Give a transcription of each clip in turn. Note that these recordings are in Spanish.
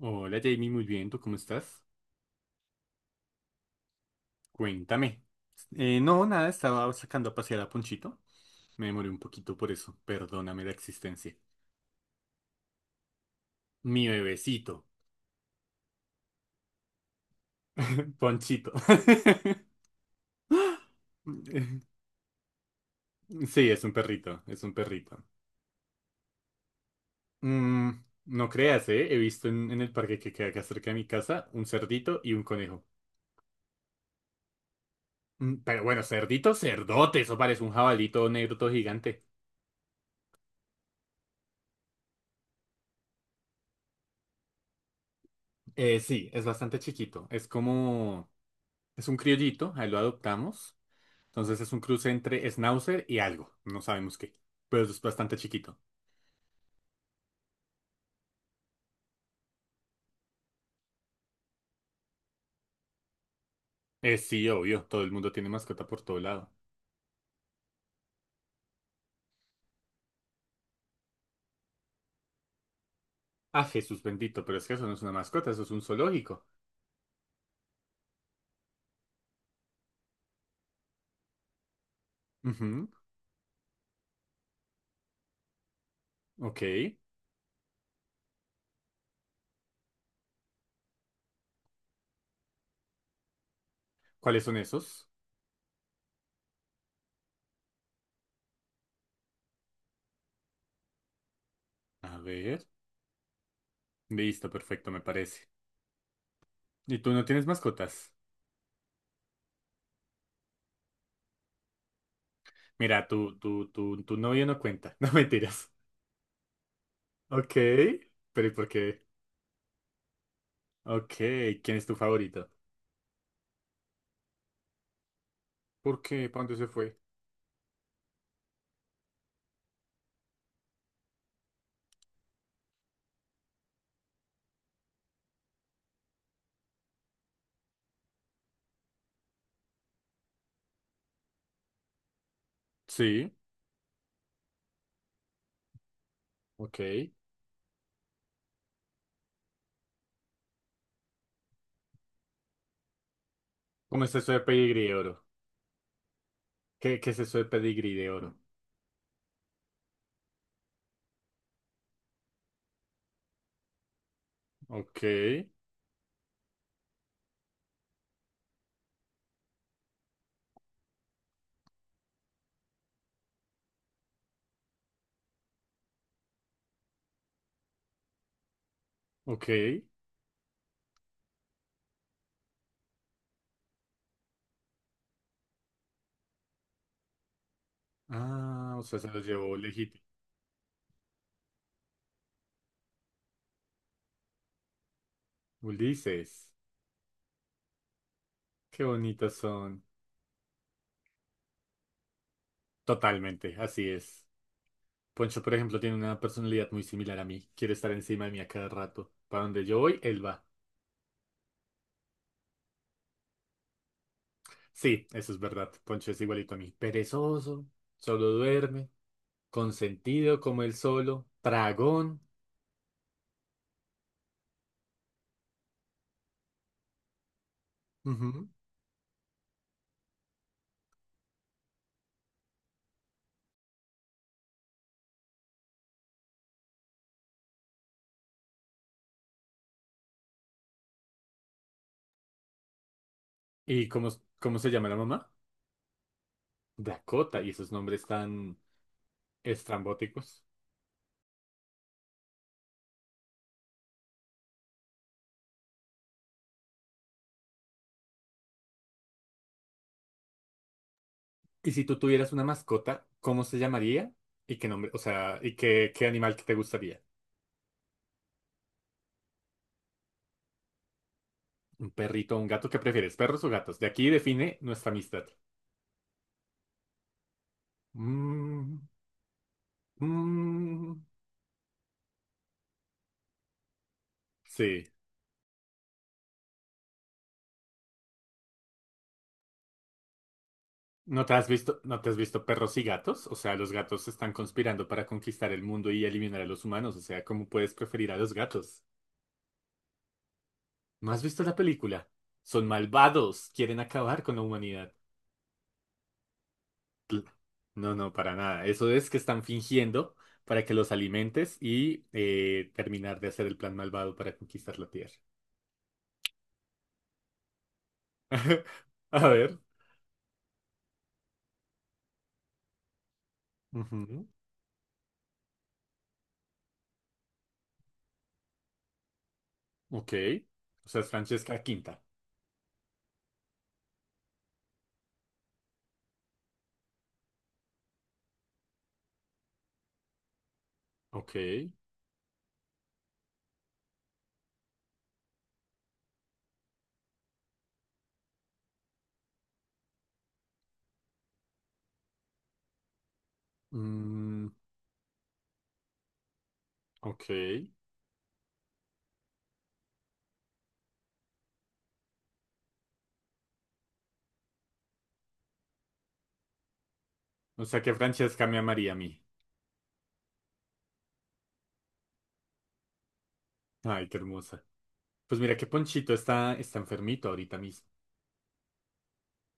Hola Jamie, muy bien, ¿tú cómo estás? Cuéntame. No, nada, estaba sacando a pasear a Ponchito. Me demoré un poquito por eso, perdóname la existencia. Mi bebecito. Ponchito. Sí, es un perrito, es un perrito. Mm, no creas, ¿eh? He visto en el parque que queda acá cerca de mi casa un cerdito y un conejo. Pero bueno, cerdito, cerdote, eso parece un jabalito negro todo gigante. Sí, es bastante chiquito, es como... Es un criollito, ahí lo adoptamos. Entonces es un cruce entre Schnauzer y algo, no sabemos qué, pero es bastante chiquito. Sí, obvio, todo el mundo tiene mascota por todo lado. Ah, Jesús bendito, pero es que eso no es una mascota, eso es un zoológico. Ujú, ok. ¿Cuáles son esos? A ver. Listo, perfecto, me parece. ¿Y tú no tienes mascotas? Mira, tu novio no cuenta. No, mentiras. Ok. Pero ¿y por qué? Ok. ¿Quién es tu favorito? ¿Por qué? ¿Para dónde se fue? Sí. Ok. ¿Cómo está eso de pedigrí, oro? ¿Qué es eso de pedigrí de oro? Ok, ok. Ah, o sea, se los llevó legítimo. Ulises, qué bonitos son. Totalmente, así es. Poncho, por ejemplo, tiene una personalidad muy similar a mí. Quiere estar encima de mí a cada rato. Para donde yo voy, él va. Sí, eso es verdad. Poncho es igualito a mí. Perezoso, solo duerme, consentido como él solo, tragón. Ujú. ¿Y cómo, cómo se llama la mamá? Dakota. Y esos nombres tan estrambóticos. Y si tú tuvieras una mascota, ¿cómo se llamaría? ¿Y qué nombre? O sea, ¿y qué, qué animal que te gustaría? ¿Un perrito o un gato? ¿Qué prefieres? ¿Perros o gatos? De aquí define nuestra amistad. Mm, mm, sí. ¿No te has visto, no te has visto perros y gatos? O sea, los gatos están conspirando para conquistar el mundo y eliminar a los humanos. O sea, ¿cómo puedes preferir a los gatos? ¿No has visto la película? Son malvados, quieren acabar con la humanidad. Cl- No, no, para nada. Eso es que están fingiendo para que los alimentes y terminar de hacer el plan malvado para conquistar la Tierra. A ver. Ujú. Ok. O sea, es Francesca Quinta. Ok. Mm, ok. O sea que Francesca me amaría a mí. Ay, qué hermosa. Pues mira que Ponchito está, está enfermito ahorita mismo.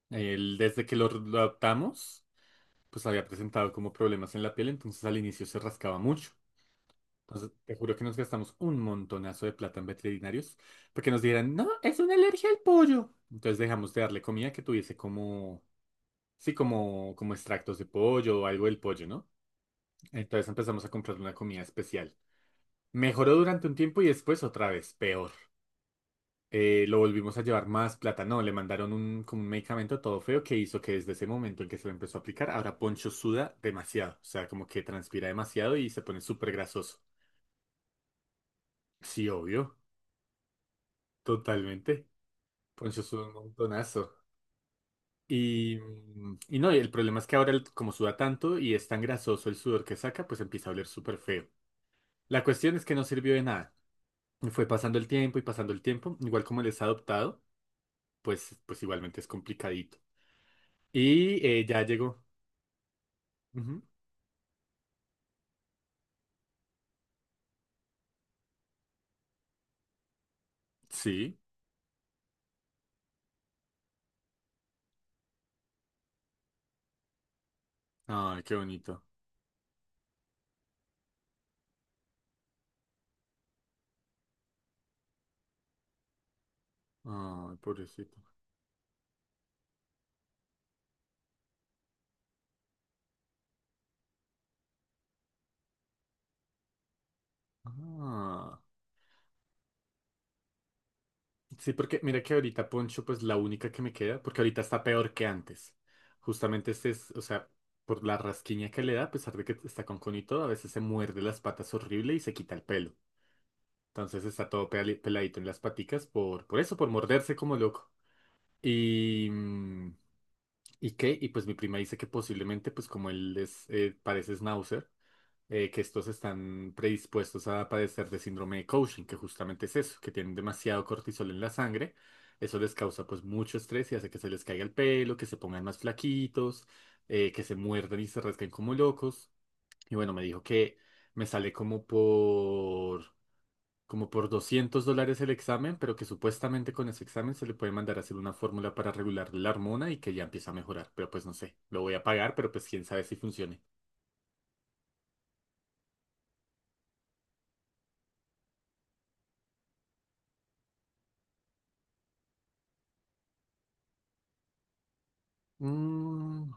Él, desde que lo adoptamos, pues había presentado como problemas en la piel, entonces al inicio se rascaba mucho. Entonces, te juro que nos gastamos un montonazo de plata en veterinarios porque nos dijeran, no, es una alergia al pollo. Entonces dejamos de darle comida que tuviese como, sí, como, como extractos de pollo o algo del pollo, ¿no? Entonces empezamos a comprarle una comida especial. Mejoró durante un tiempo y después otra vez, peor. Lo volvimos a llevar más plata. No, le mandaron un, como un medicamento todo feo que hizo que desde ese momento en que se lo empezó a aplicar, ahora Poncho suda demasiado. O sea, como que transpira demasiado y se pone súper grasoso. Sí, obvio, totalmente. Poncho suda un montonazo. Y, y no, y el problema es que ahora, como suda tanto y es tan grasoso el sudor que saca, pues empieza a oler súper feo. La cuestión es que no sirvió de nada. Y fue pasando el tiempo y pasando el tiempo. Igual como él es adoptado, pues, pues igualmente es complicadito. Y ya llegó. Ujú. Sí. Ay, qué bonito. Ay, pobrecito. Ah. Sí, porque mira que ahorita Poncho, pues la única que me queda, porque ahorita está peor que antes. Justamente este es, o sea, por la rasquiña que le da, a pesar de que está con conito, a veces se muerde las patas horrible y se quita el pelo. Entonces está todo peladito en las paticas por eso, por morderse como loco. Y, ¿y qué? Y pues mi prima dice que posiblemente, pues como él es, parece Schnauzer, que estos están predispuestos a padecer de síndrome de Cushing, que justamente es eso, que tienen demasiado cortisol en la sangre. Eso les causa pues mucho estrés y hace que se les caiga el pelo, que se pongan más flaquitos, que se muerdan y se rasquen como locos. Y bueno, me dijo que me sale como por, como por $200 el examen, pero que supuestamente con ese examen se le puede mandar a hacer una fórmula para regular la hormona y que ya empieza a mejorar. Pero pues no sé, lo voy a pagar, pero pues quién sabe si funcione. Mm,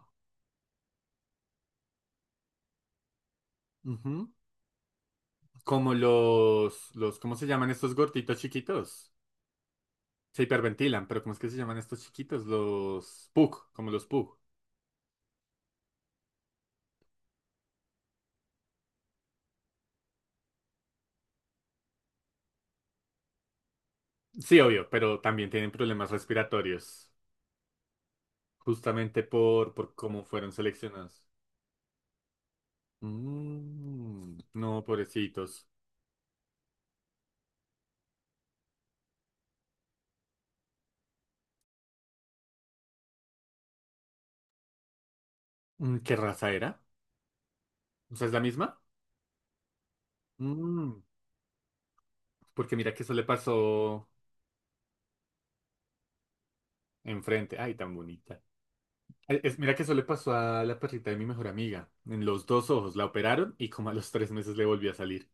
ujú. Como los, ¿cómo se llaman estos gorditos chiquitos? Se hiperventilan, pero ¿cómo es que se llaman estos chiquitos? Los PUC, como los PUC. Sí, obvio, pero también tienen problemas respiratorios, justamente por cómo fueron seleccionados. Mm, no, pobrecitos. ¿Qué raza era? O sea, ¿es la misma? Mm, porque mira que eso le pasó enfrente. Ay, tan bonita. Mira que eso le pasó a la perrita de mi mejor amiga. En los dos ojos la operaron y como a los 3 meses le volvió a salir.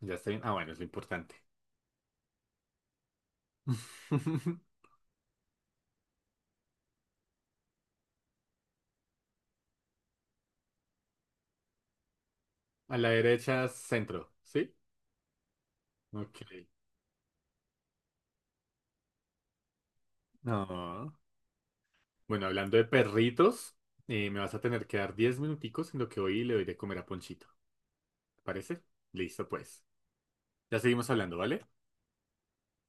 Ya está bien. Ah, bueno, es lo importante. A la derecha, centro, ¿sí? Ok. No. Bueno, hablando de perritos, me vas a tener que dar 10 minuticos en lo que hoy le doy de comer a Ponchito. ¿Te parece? Listo, pues. Ya seguimos hablando, ¿vale?